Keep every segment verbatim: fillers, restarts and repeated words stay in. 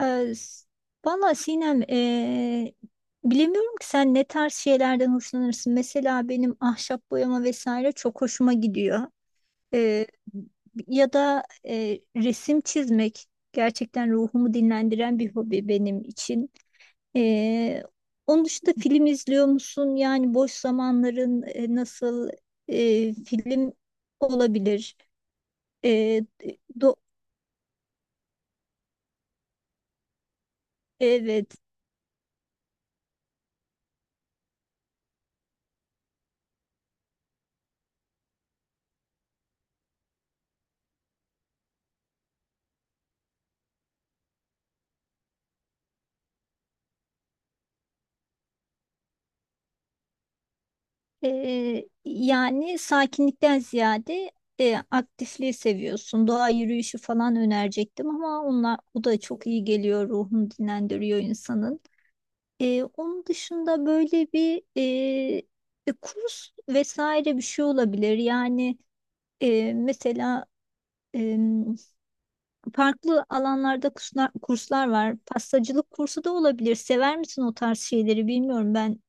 Ee, s- Valla Sinem, ee, bilemiyorum ki sen ne tarz şeylerden hoşlanırsın. Mesela benim ahşap boyama vesaire çok hoşuma gidiyor. Ee, ya da ee, resim çizmek gerçekten ruhumu dinlendiren bir hobi benim için. Ee, onun dışında film izliyor musun? Yani boş zamanların e, nasıl e, film olabilir? Ee, do- evet. Ee, yani sakinlikten ziyade e, aktifliği seviyorsun. Doğa yürüyüşü falan önerecektim ama onlar, bu da çok iyi geliyor. Ruhunu dinlendiriyor insanın. Ee, onun dışında böyle bir e, e, kurs vesaire bir şey olabilir. Yani e, mesela e, farklı alanlarda kurslar, kurslar var. Pastacılık kursu da olabilir. Sever misin o tarz şeyleri bilmiyorum. Ben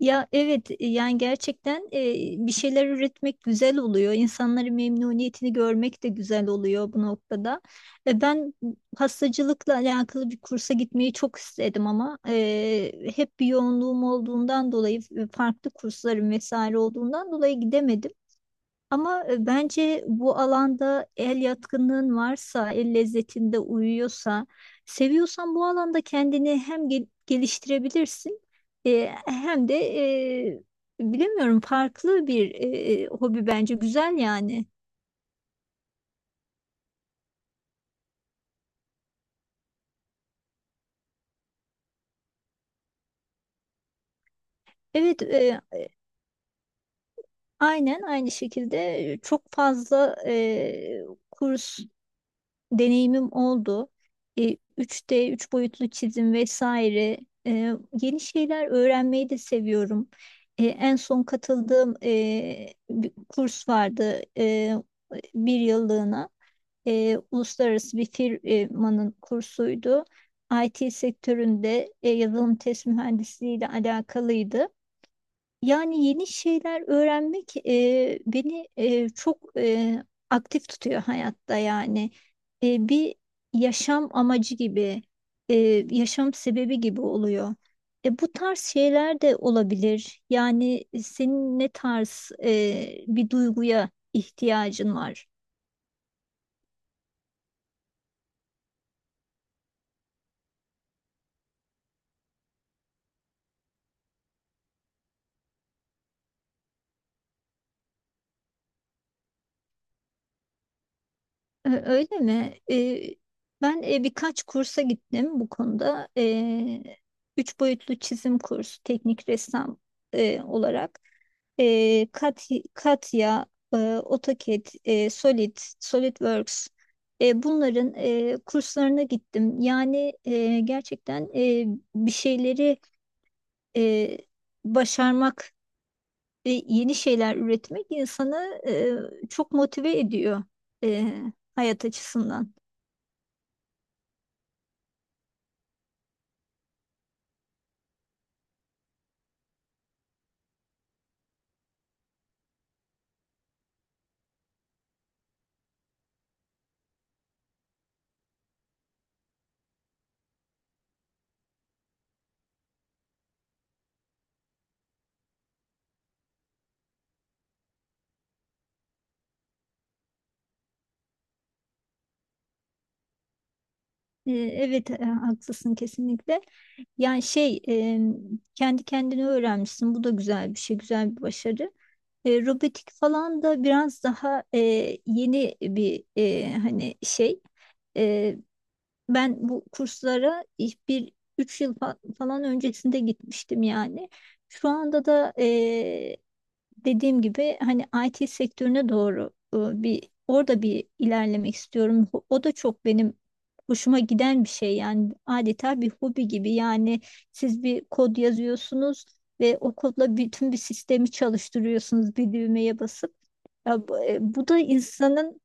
ya evet, e, yani gerçekten e, bir şeyler üretmek güzel oluyor. İnsanların memnuniyetini görmek de güzel oluyor bu noktada. E, ben pastacılıkla alakalı bir kursa gitmeyi çok istedim ama e, hep bir yoğunluğum olduğundan dolayı e, farklı kurslarım vesaire olduğundan dolayı gidemedim. Ama e, bence bu alanda el yatkınlığın varsa, el lezzetinde uyuyorsa, seviyorsan bu alanda kendini hem gel- geliştirebilirsin, e, hem de e, bilemiyorum, farklı bir e, hobi bence güzel yani. Evet, e, aynen aynı şekilde e, çok fazla e, kurs deneyimim oldu. E, üç d üç boyutlu çizim vesaire. E, yeni şeyler öğrenmeyi de seviyorum. E, en son katıldığım e, bir kurs vardı, e, bir yıllığına. E, uluslararası bir firmanın kursuydu. I T sektöründe e, yazılım test mühendisliği ile alakalıydı. Yani yeni şeyler öğrenmek e, beni e, çok e, aktif tutuyor hayatta yani. E, bir yaşam amacı gibi, e, yaşam sebebi gibi oluyor. E, bu tarz şeyler de olabilir. Yani senin ne tarz e, bir duyguya ihtiyacın var? Ö- Öyle mi? Ee, ben e, birkaç kursa gittim bu konuda. Ee, üç boyutlu çizim kursu, teknik ressam e, olarak. Ee, Kat Katya, e, AutoCAD, e, Solid, SolidWorks. E, bunların e, kurslarına gittim. Yani e, gerçekten e, bir şeyleri e, başarmak ve yeni şeyler üretmek insanı e, çok motive ediyor e, hayat açısından. E, Evet, e, haklısın kesinlikle. Yani şey, e, kendi kendini öğrenmişsin. Bu da güzel bir şey, güzel bir başarı. E, robotik falan da biraz daha e, yeni bir, e, hani şey. E, ben bu kurslara ilk bir üç yıl fa- falan öncesinde gitmiştim yani. Şu anda da, e, dediğim gibi, hani I T sektörüne doğru e, bir orada bir ilerlemek istiyorum. Ho- O da çok benim hoşuma giden bir şey yani, adeta bir hobi gibi. Yani siz bir kod yazıyorsunuz ve o kodla bütün bir sistemi çalıştırıyorsunuz bir düğmeye basıp. Ya bu, e, bu da insanın...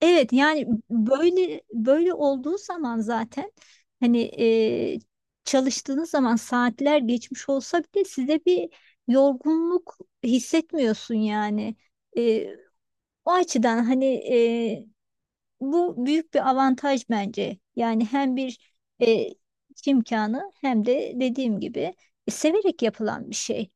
Evet, yani böyle böyle olduğu zaman zaten hani, e, çalıştığınız zaman saatler geçmiş olsa bile size bir yorgunluk hissetmiyorsun yani. E, o açıdan hani, e, bu büyük bir avantaj bence. Yani hem bir e, iş imkanı, hem de dediğim gibi e, severek yapılan bir şey.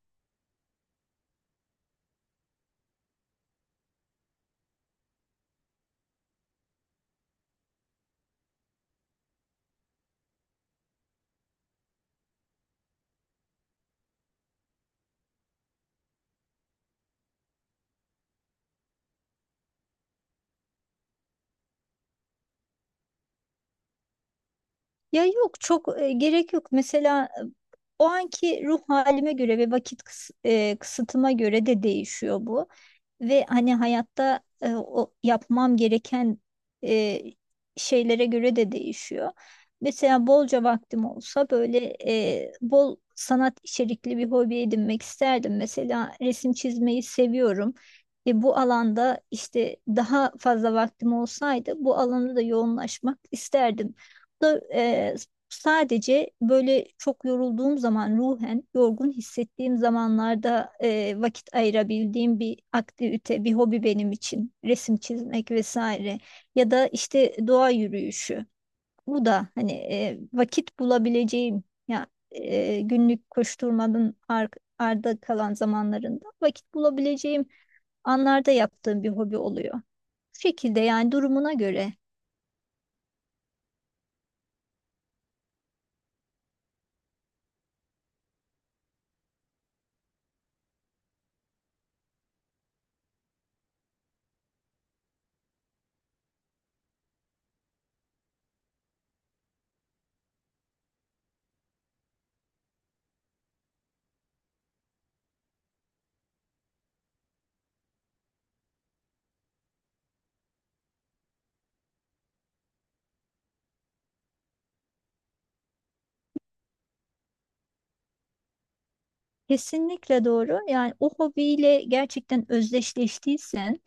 Ya yok, çok e, gerek yok. Mesela e, o anki ruh halime göre ve vakit kıs- e, kısıtıma göre de değişiyor bu. Ve hani hayatta, e, o yapmam gereken e, şeylere göre de değişiyor. Mesela bolca vaktim olsa böyle, e, bol sanat içerikli bir hobi edinmek isterdim. Mesela resim çizmeyi seviyorum. E, bu alanda işte daha fazla vaktim olsaydı bu alanda da yoğunlaşmak isterdim da, e, sadece böyle çok yorulduğum zaman, ruhen yorgun hissettiğim zamanlarda e, vakit ayırabildiğim bir aktivite, bir hobi benim için resim çizmek vesaire, ya da işte doğa yürüyüşü. Bu da hani, e, vakit bulabileceğim ya, e, günlük koşturmanın ar arda kalan zamanlarında vakit bulabileceğim anlarda yaptığım bir hobi oluyor. Bu şekilde yani, durumuna göre. Kesinlikle doğru. Yani o hobiyle gerçekten özdeşleştiysen,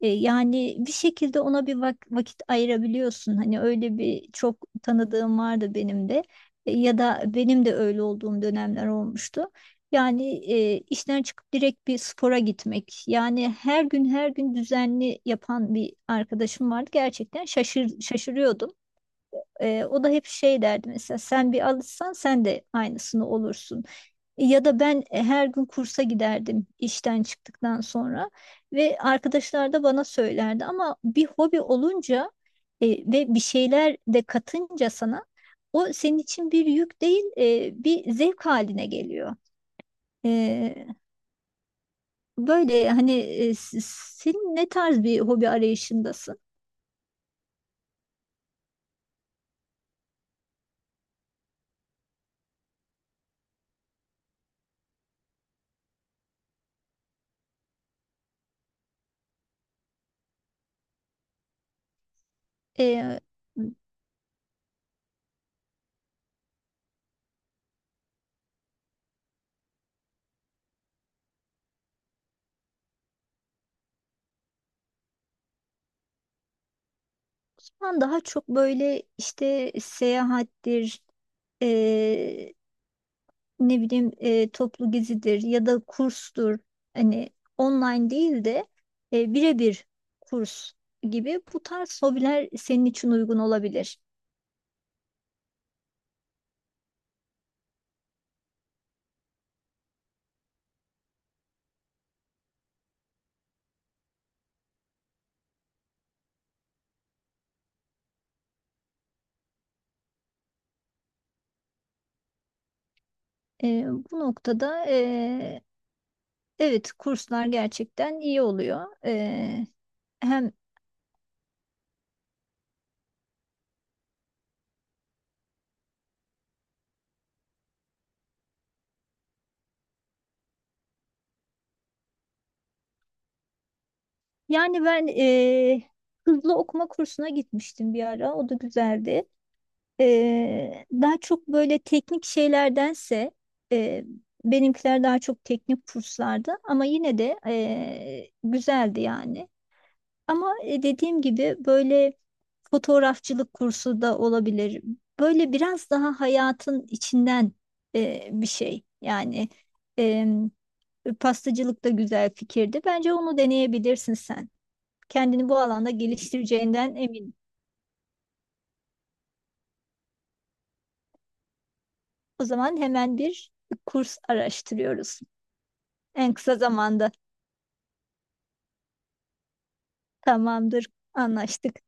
e, yani bir şekilde ona bir vak- vakit ayırabiliyorsun. Hani öyle bir çok tanıdığım vardı benim de. E, ya da benim de öyle olduğum dönemler olmuştu. Yani e, işten çıkıp direkt bir spora gitmek. Yani her gün her gün düzenli yapan bir arkadaşım vardı. Gerçekten şaşır şaşırıyordum. Ee, o da hep şey derdi mesela, sen bir alışsan sen de aynısını olursun. Ya da ben e, her gün kursa giderdim işten çıktıktan sonra ve arkadaşlar da bana söylerdi, ama bir hobi olunca e, ve bir şeyler de katınca sana, o senin için bir yük değil, e, bir zevk haline geliyor. Böyle hani, e, s- senin ne tarz bir hobi arayışındasın? Ee, Ben daha çok böyle işte seyahattir, eee, ne bileyim, eee, toplu gezidir ya da kurstur. Hani online değil de, eee, birebir kurs gibi bu tarz hobiler senin için uygun olabilir. Eee, bu noktada, eee, evet, kurslar gerçekten iyi oluyor. Eee, hem yani ben, eee, hızlı okuma kursuna gitmiştim bir ara, o da güzeldi. Ee, daha çok böyle teknik şeylerdense, e, benimkiler daha çok teknik kurslardı, ama yine de e, güzeldi yani. Ama e, dediğim gibi böyle, fotoğrafçılık kursu da olabilir. Böyle biraz daha hayatın içinden e, bir şey. Yani e, pastacılık da güzel fikirdi. Bence onu deneyebilirsin sen. Kendini bu alanda geliştireceğinden eminim. O zaman hemen bir kurs araştırıyoruz. En kısa zamanda. Tamamdır. Anlaştık.